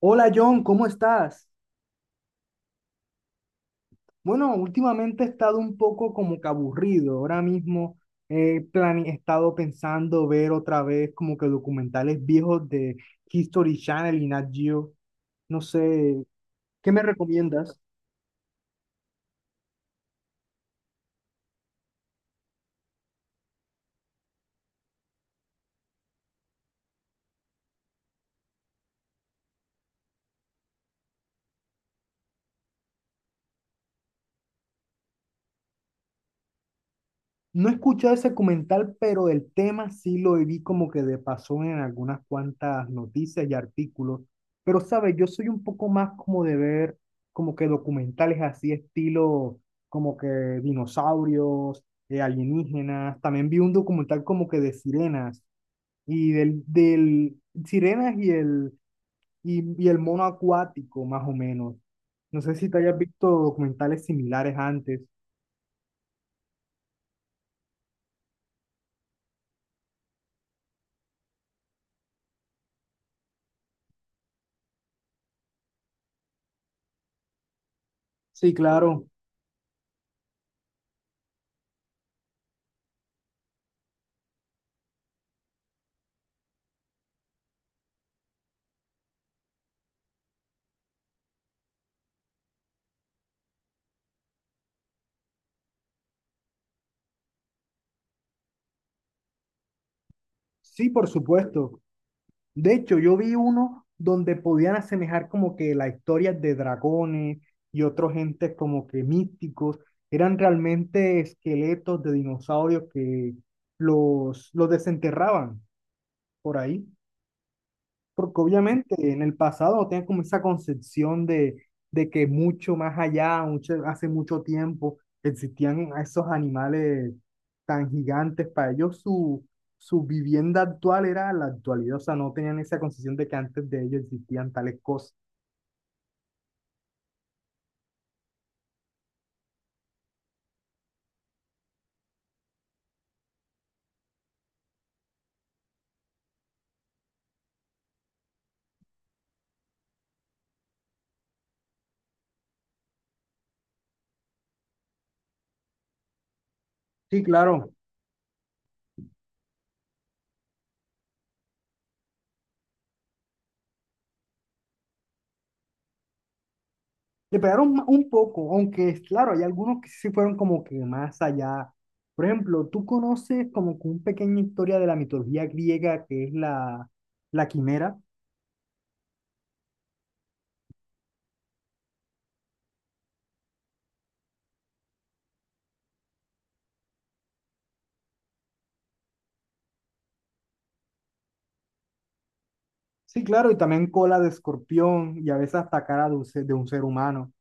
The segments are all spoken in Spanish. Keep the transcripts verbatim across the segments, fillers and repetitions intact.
Hola John, ¿cómo estás? Bueno, últimamente he estado un poco como que aburrido. Ahora mismo he, plane- he estado pensando ver otra vez como que documentales viejos de History Channel y Nat Geo. No sé, ¿qué me recomiendas? No he escuchado ese documental, pero el tema sí lo vi como que de pasó en algunas cuantas noticias y artículos. Pero, ¿sabes? Yo soy un poco más como de ver como que documentales así, estilo como que dinosaurios, eh, alienígenas. También vi un documental como que de sirenas y del, del sirenas y el, y, y el mono acuático, más o menos. No sé si te hayas visto documentales similares antes. Sí, claro. Sí, por supuesto. De hecho, yo vi uno donde podían asemejar como que la historia de dragones y otros gentes como que místicos. Eran realmente esqueletos de dinosaurios que los, los desenterraban por ahí. Porque obviamente en el pasado no tenían como esa concepción de, de que mucho más allá, mucho, hace mucho tiempo, existían esos animales tan gigantes. Para ellos su, su vivienda actual era la actualidad, o sea, no tenían esa concepción de que antes de ellos existían tales cosas. Sí, claro, le pegaron ma- un poco, aunque es claro, hay algunos que sí fueron como que más allá. Por ejemplo, tú conoces como que una pequeña historia de la mitología griega que es la, la quimera. Sí, claro, y también cola de escorpión y a veces hasta cara de un ser, de un ser humano.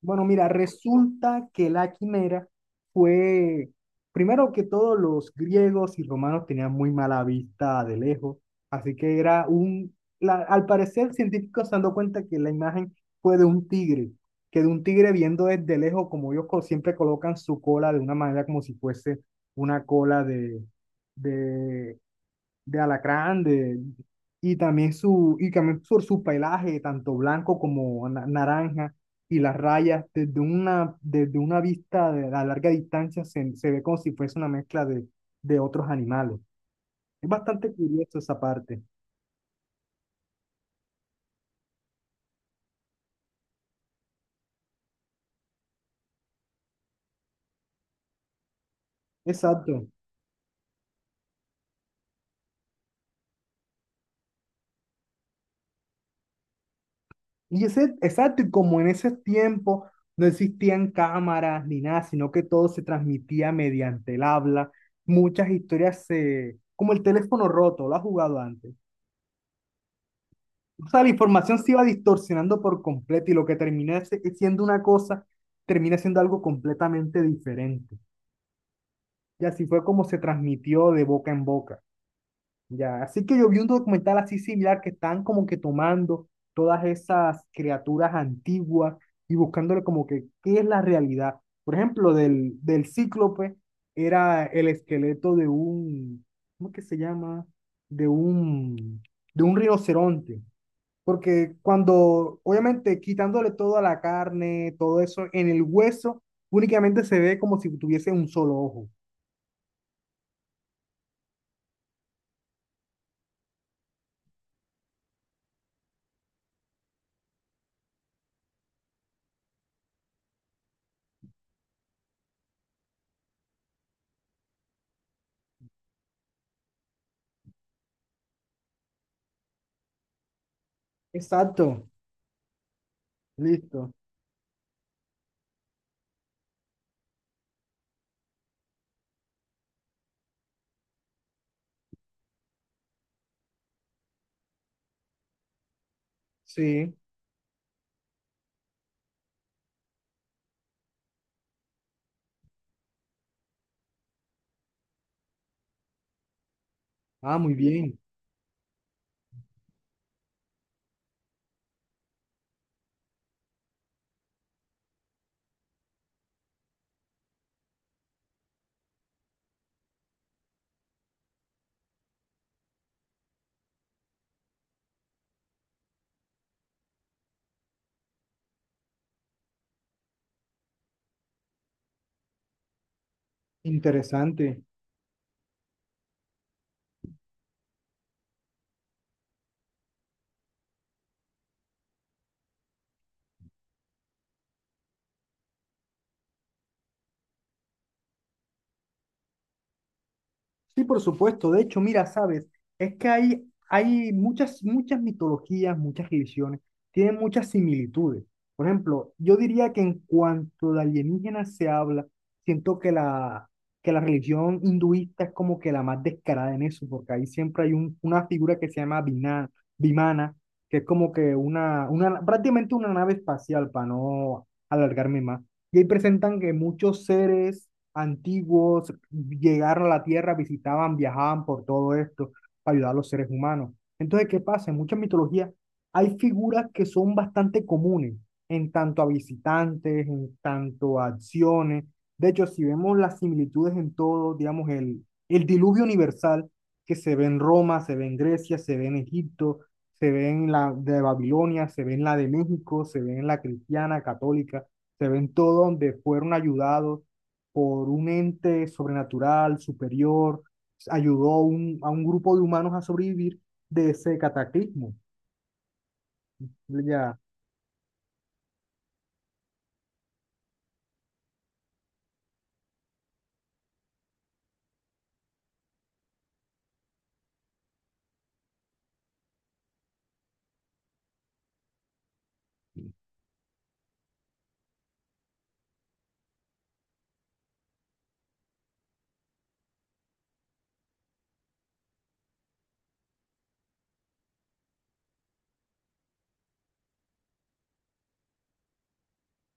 Bueno, mira, resulta que la quimera fue, primero que todo, los griegos y romanos tenían muy mala vista de lejos, así que era un, la- al parecer científicos se han dado cuenta que la imagen fue de un tigre, que de un tigre viendo desde lejos, como ellos co- siempre colocan su cola de una manera como si fuese una cola de, de de alacrán, de, y también su, y también por su pelaje, tanto blanco como na- naranja, y las rayas, desde una, desde una vista de, a larga distancia se, se ve como si fuese una mezcla de, de otros animales. Es bastante curioso esa parte. Exacto. Y ese, exacto, y como en ese tiempo no existían cámaras ni nada, sino que todo se transmitía mediante el habla, muchas historias se... como el teléfono roto, ¿lo has jugado antes? O sea, la información se iba distorsionando por completo y lo que termina se- siendo una cosa, termina siendo algo completamente diferente. Y así fue como se transmitió de boca en boca. Ya, así que yo vi un documental así similar que están como que tomando todas esas criaturas antiguas y buscándole como que qué es la realidad. Por ejemplo, del, del cíclope era el esqueleto de un, ¿cómo que se llama? De un, de un rinoceronte. Porque cuando, obviamente, quitándole toda la carne, todo eso, en el hueso, únicamente se ve como si tuviese un solo ojo. Exacto. Listo. Sí. Ah, muy bien. Interesante. Sí, por supuesto. De hecho, mira, sabes, es que hay, hay muchas, muchas mitologías, muchas religiones, tienen muchas similitudes. Por ejemplo, yo diría que en cuanto de alienígenas se habla, siento que la, que la religión hinduista es como que la más descarada en eso, porque ahí siempre hay un- una figura que se llama Vina- Vimana, que es como que una, una, prácticamente una nave espacial, para no alargarme más. Y ahí presentan que muchos seres antiguos llegaron a la Tierra, visitaban, viajaban por todo esto para ayudar a los seres humanos. Entonces, ¿qué pasa? En muchas mitologías hay figuras que son bastante comunes en tanto a visitantes, en tanto a acciones. De hecho, si vemos las similitudes en todo, digamos, el, el diluvio universal que se ve en Roma, se ve en Grecia, se ve en Egipto, se ve en la de Babilonia, se ve en la de México, se ve en la cristiana, católica, se ve en todo donde fueron ayudados por un ente sobrenatural, superior, ayudó a un, a un grupo de humanos a sobrevivir de ese cataclismo. Ya,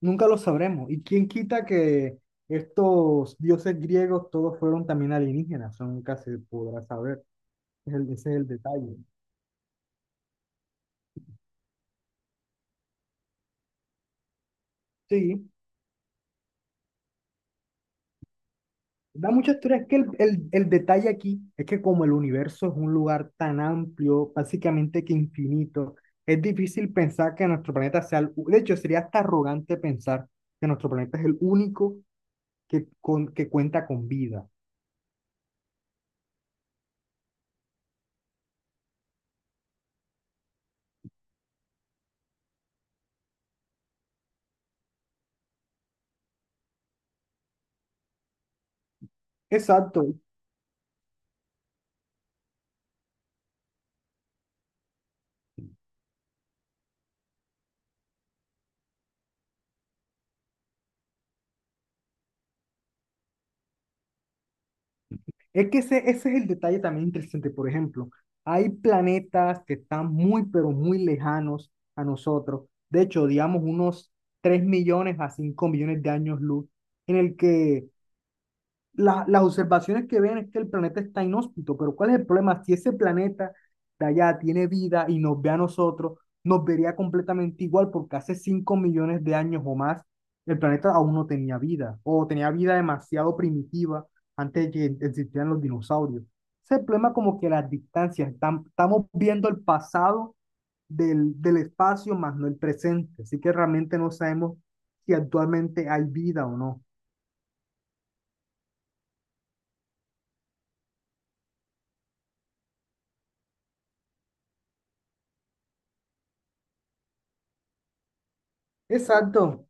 nunca lo sabremos. ¿Y quién quita que estos dioses griegos todos fueron también alienígenas? Eso nunca se podrá saber. Es el- Ese es el detalle. Sí. Da mucha historia, es que el, el- el detalle aquí es que como el universo es un lugar tan amplio, básicamente que infinito, es difícil pensar que nuestro planeta sea, el, de hecho sería hasta arrogante pensar que nuestro planeta es el único que, con, que cuenta con vida. Exacto, es que ese, ese es el detalle también interesante. Por ejemplo, hay planetas que están muy, pero muy lejanos a nosotros, de hecho, digamos unos tres millones a cinco millones de años luz, en el que la- las observaciones que ven es que el planeta está inhóspito, pero ¿cuál es el problema? Si ese planeta de allá tiene vida y nos ve a nosotros, nos vería completamente igual porque hace cinco millones de años o más el planeta aún no tenía vida o tenía vida demasiado primitiva antes de que existieran los dinosaurios. Ese es el problema como que las distancias, tam- estamos viendo el pasado del, del espacio más no el presente, así que realmente no sabemos si actualmente hay vida o no. Exacto.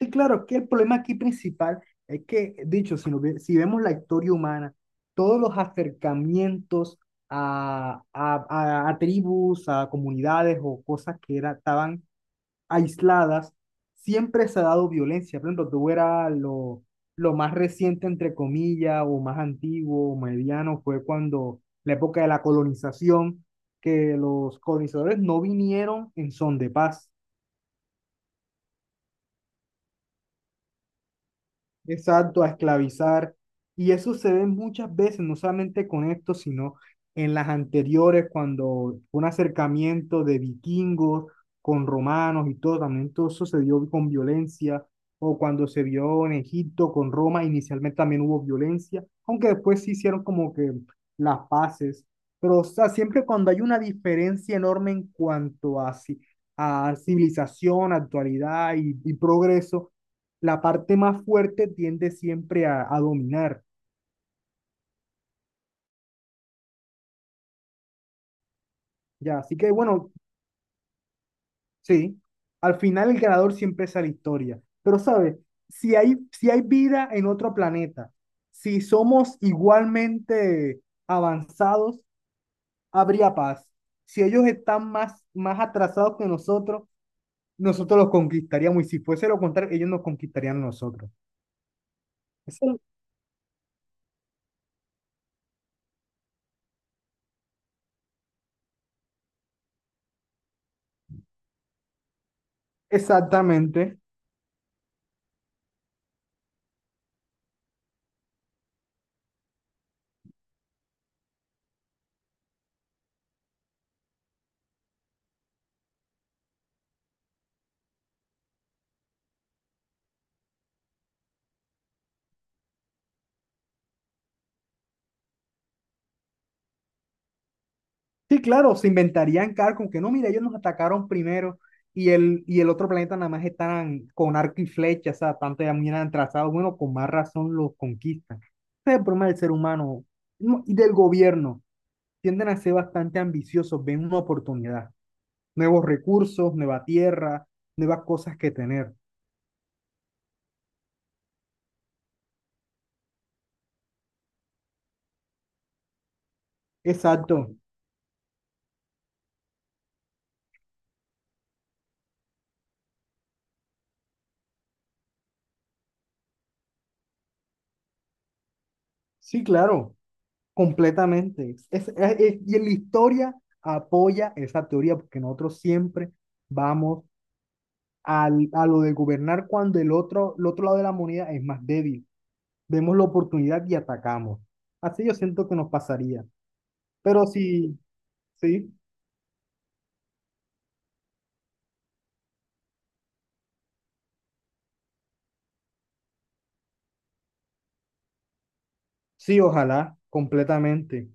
Sí, claro, es que el problema aquí principal es que, dicho, si, nos ve- si vemos la historia humana, todos los acercamientos a, a, a- a tribus, a comunidades o cosas que era, estaban aisladas, siempre se ha dado violencia. Por ejemplo, tú era lo, lo más reciente, entre comillas, o más antiguo, o mediano, fue cuando la época de la colonización, que los colonizadores no vinieron en son de paz. Exacto, a esclavizar. Y eso se ve muchas veces, no solamente con esto, sino en las anteriores, cuando fue un acercamiento de vikingos con romanos y todo, también todo eso se dio con violencia, o cuando se vio en Egipto con Roma, inicialmente también hubo violencia, aunque después se hicieron como que las paces. Pero, o sea, siempre cuando hay una diferencia enorme en cuanto a, ci- a civilización, actualidad y y progreso, la parte más fuerte tiende siempre a, a dominar, ¿ya? Así que bueno, sí, al final el ganador siempre es la historia, pero ¿sabes? Si hay, si hay vida en otro planeta, si somos igualmente avanzados, habría paz. Si ellos están más, más atrasados que nosotros, nosotros los conquistaríamos y si fuese lo contrario, ellos nos conquistarían a nosotros. Es- Exactamente. Sí, claro, se inventarían carros como que no, mira, ellos nos atacaron primero y el, y el otro planeta nada más están con arco y flecha, o sea, tanto ya miran trazados, bueno, con más razón los conquistan. Ese es el problema del ser humano no, y del gobierno. Tienden a ser bastante ambiciosos, ven una oportunidad, nuevos recursos, nueva tierra, nuevas cosas que tener. Exacto, sí, claro, completamente. Es- es- es- y en la historia apoya esa teoría porque nosotros siempre vamos al- a lo de gobernar cuando el otro, el otro lado de la moneda es más débil. Vemos la oportunidad y atacamos. Así yo siento que nos pasaría. Pero sí, sí, sí, ojalá, completamente.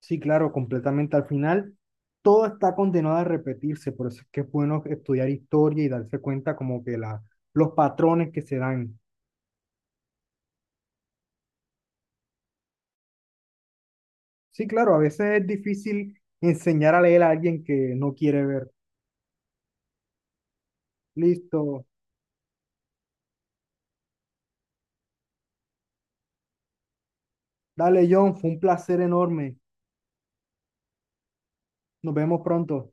Sí, claro, completamente. Al final, todo está condenado a repetirse. Por eso es que es bueno estudiar historia y darse cuenta como que la, los patrones que se dan. Sí, claro, a veces es difícil enseñar a leer a alguien que no quiere ver. Listo. Dale, John, fue un placer enorme. Nos vemos pronto.